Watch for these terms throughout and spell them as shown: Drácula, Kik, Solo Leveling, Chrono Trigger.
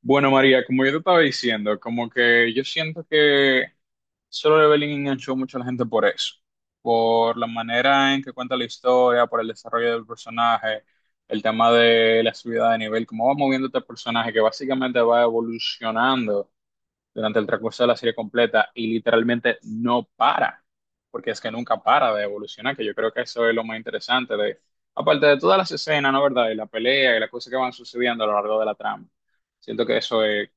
Bueno, María, como yo te estaba diciendo, como que yo siento que Solo Leveling enganchó mucho a la gente por eso, por la manera en que cuenta la historia, por el desarrollo del personaje, el tema de la subida de nivel, cómo va moviendo este personaje que básicamente va evolucionando durante el transcurso de la serie completa y literalmente no para, porque es que nunca para de evolucionar, que yo creo que eso es lo más interesante de, aparte de todas las escenas, ¿no? ¿Verdad? Y la pelea y las cosas que van sucediendo a lo largo de la trama. Siento que eso es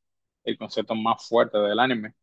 el concepto más fuerte del anime.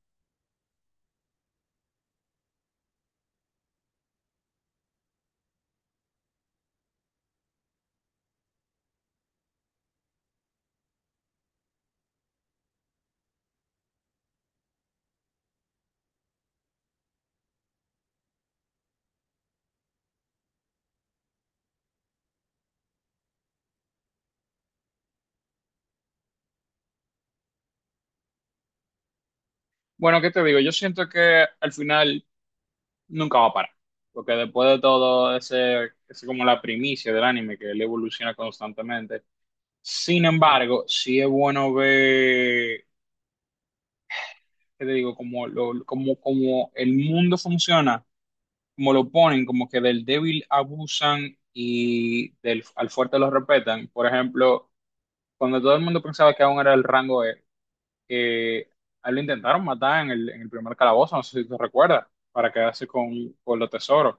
Bueno, ¿qué te digo? Yo siento que al final nunca va a parar, porque después de todo ese, es como la primicia del anime, que él evoluciona constantemente. Sin embargo, sí es bueno ver que te digo, como, lo, como, como el mundo funciona, como lo ponen, como que del débil abusan al fuerte lo respetan. Por ejemplo, cuando todo el mundo pensaba que aún era el rango E, que a él lo intentaron matar en el primer calabozo, no sé si te recuerdas, para quedarse con los tesoros.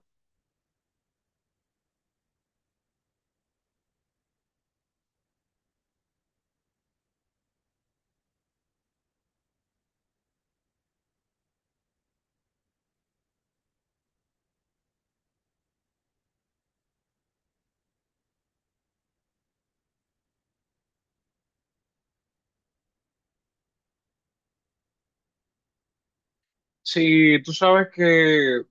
Sí, tú sabes que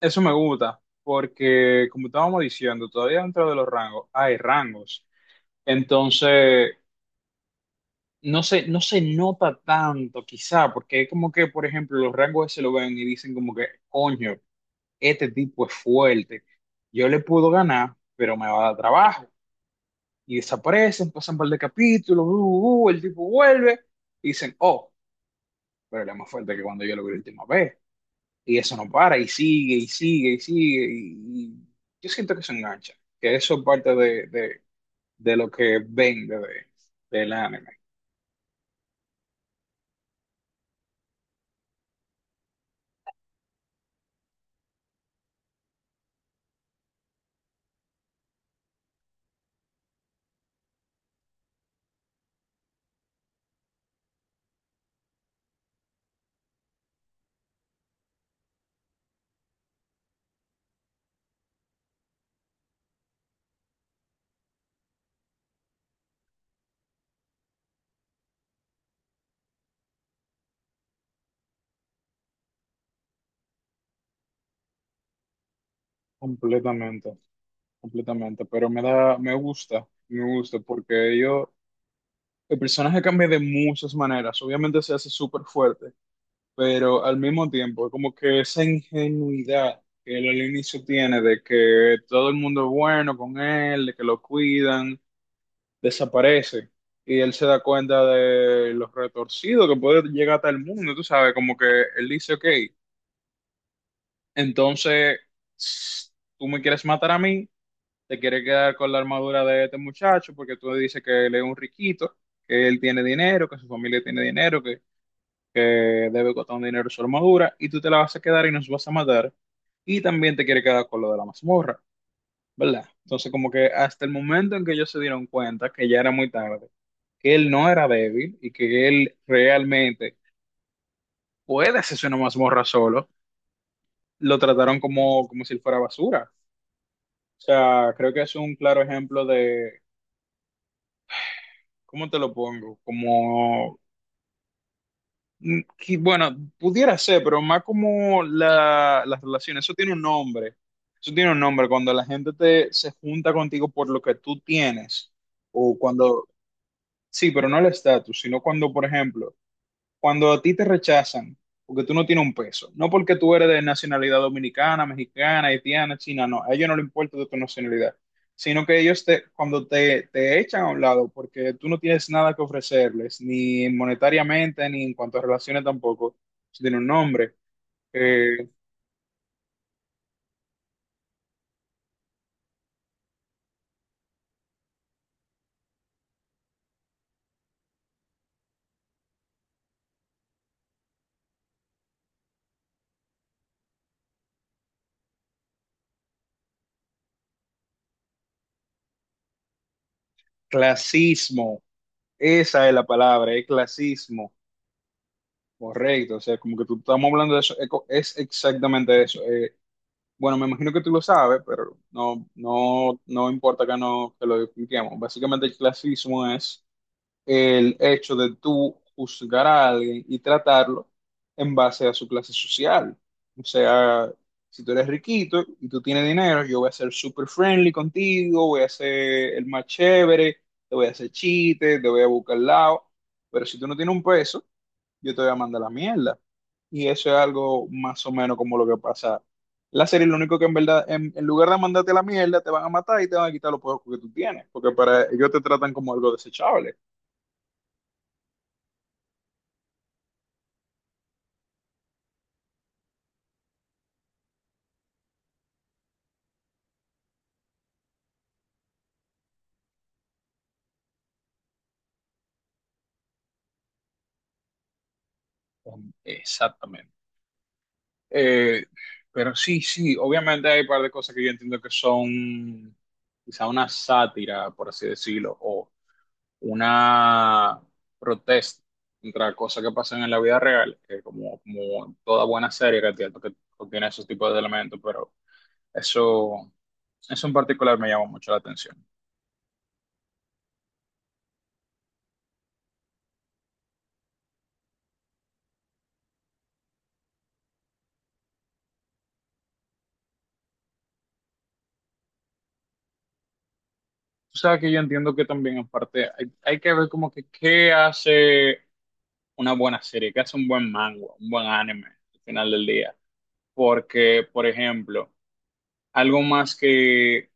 eso me gusta, porque como estábamos diciendo, todavía dentro de los rangos hay rangos. Entonces, no se nota tanto, quizá, porque es como que, por ejemplo, los rangos se lo ven y dicen como que, coño, este tipo es fuerte, yo le puedo ganar, pero me va a dar trabajo. Y desaparecen, pasan un par de capítulos, el tipo vuelve, y dicen, oh, pero él es más fuerte que cuando yo lo vi la última vez. Y eso no para, y sigue, y sigue, y sigue, y yo siento que se engancha, que eso es parte de lo que vende del anime, completamente. Completamente, pero me da, me gusta porque yo, el personaje cambia de muchas maneras, obviamente se hace súper fuerte, pero al mismo tiempo, como que esa ingenuidad que él al inicio tiene de que todo el mundo es bueno con él, de que lo cuidan, desaparece y él se da cuenta de los retorcidos que puede llegar hasta el mundo, tú sabes, como que él dice, ok, entonces tú me quieres matar a mí, te quiere quedar con la armadura de este muchacho porque tú dices que él es un riquito, que él tiene dinero, que su familia tiene dinero, que debe costar un dinero su armadura, y tú te la vas a quedar y nos vas a matar. Y también te quiere quedar con lo de la mazmorra, ¿verdad? Entonces, como que hasta el momento en que ellos se dieron cuenta que ya era muy tarde, que él no era débil y que él realmente puede hacerse una mazmorra solo, lo trataron como, como si él fuera basura. O sea, creo que es un claro ejemplo de, ¿cómo te lo pongo? Como bueno, pudiera ser, pero más como las relaciones, eso tiene un nombre, eso tiene un nombre, cuando la gente te, se junta contigo por lo que tú tienes, o cuando, sí, pero no el estatus, sino cuando, por ejemplo, cuando a ti te rechazan, porque tú no tienes un peso, no porque tú eres de nacionalidad dominicana, mexicana, haitiana, china, no, a ellos no les importa de tu nacionalidad, sino que ellos te, cuando te echan a un lado, porque tú no tienes nada que ofrecerles, ni monetariamente, ni en cuanto a relaciones tampoco, eso tiene un nombre, eh, clasismo, esa es la palabra, es clasismo, correcto, o sea, como que tú estamos hablando de eso, es exactamente eso. Bueno, me imagino que tú lo sabes, pero no, no importa que no que lo expliquemos. Básicamente el clasismo es el hecho de tú juzgar a alguien y tratarlo en base a su clase social. O sea, si tú eres riquito y tú tienes dinero, yo voy a ser super friendly contigo, voy a ser el más chévere, te voy a hacer chistes, te voy a buscar al lado. Pero si tú no tienes un peso, yo te voy a mandar la mierda. Y eso es algo más o menos como lo que pasa. La serie, lo único que en verdad, en lugar de mandarte la mierda, te van a matar y te van a quitar los poderes que tú tienes, porque para ellos te tratan como algo desechable. Exactamente. Eh, pero sí, sí, obviamente hay un par de cosas que yo entiendo que son quizá una sátira, por así decirlo, o una protesta contra cosas que pasan en la vida real, que como, como toda buena serie que contiene esos tipos de elementos, pero eso, eso en particular me llama mucho la atención. Tú sabes que yo entiendo que también en parte hay que ver como que qué hace una buena serie, qué hace un buen manga, un buen anime al final del día. Porque, por ejemplo, algo más que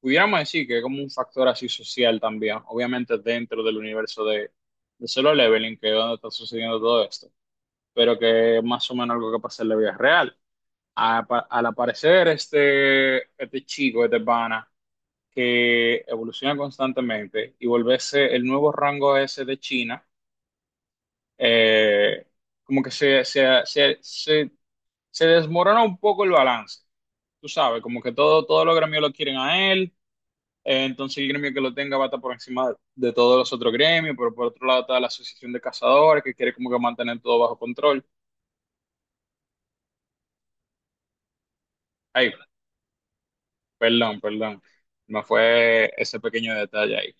pudiéramos decir que es como un factor así social también, obviamente dentro del universo de Solo Leveling, que es donde está sucediendo todo esto, pero que es más o menos algo que pasa en la vida real. Al aparecer este, este chico, este pana, que evoluciona constantemente y volverse el nuevo rango ese de China, eh, como que se desmorona un poco el balance. Tú sabes, como que todo, todos los gremios lo quieren a él, entonces el gremio que lo tenga va a estar por encima de todos los otros gremios, pero por otro lado está la Asociación de Cazadores que quiere como que mantener todo bajo control. Ay, perdón, perdón. Me fue ese pequeño detalle ahí.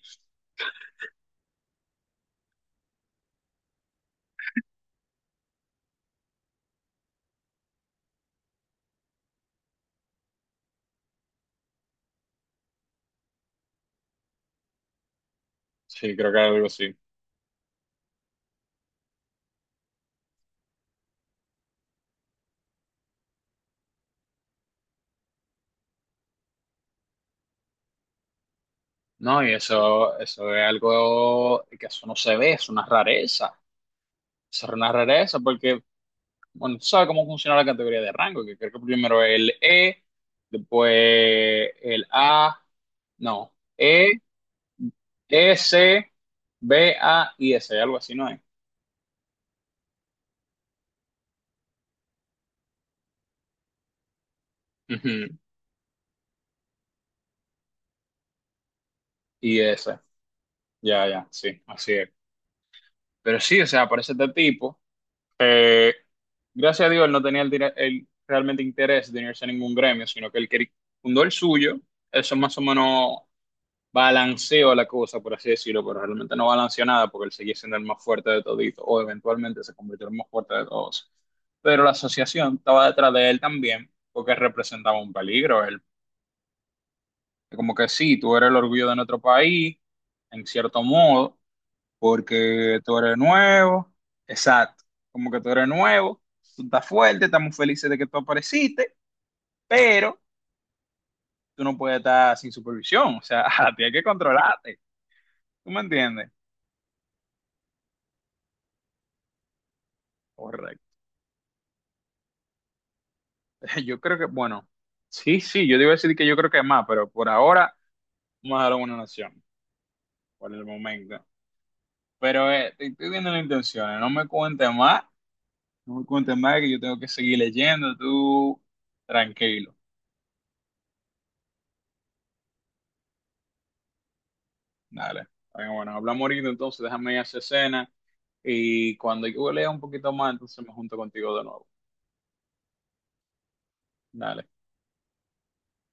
Sí, creo que algo así. No, y eso es algo que eso no se ve, es una rareza. Eso es una rareza porque, bueno, tú sabes cómo funciona la categoría de rango, que creo que primero el E, después el A, no, E, S, B, A y S, algo así, ¿no es? Ujú, y S, ya, ya, sí, así es. Pero sí, o sea, aparece este tipo. eh, Gracias a Dios, él no tenía el realmente interés de unirse a ningún gremio, sino que él quería, fundó el suyo. Eso es más o menos balanceó la cosa, por así decirlo, pero realmente no balanceó nada porque él seguía siendo el más fuerte de todito o eventualmente se convirtió en el más fuerte de todos. Pero la asociación estaba detrás de él también porque representaba un peligro. Él, como que sí, tú eres el orgullo de nuestro país, en cierto modo, porque tú eres nuevo, exacto, como que tú eres nuevo, tú estás fuerte, estamos felices de que tú apareciste, pero tú no puedes estar sin supervisión, o sea, tienes que controlarte, ¿tú me entiendes? Correcto. Yo creo que, bueno, sí, sí, yo te iba a decir que yo creo que es más, pero por ahora vamos a dar una nación, por el momento. Pero estoy viendo las intenciones, no me cuentes más, no me cuentes más que yo tengo que seguir leyendo, tú tranquilo, dale. Bueno, bueno, hablamos ahorita entonces, déjame ir a hacer cena y cuando yo lea un poquito más, entonces me junto contigo de nuevo, dale.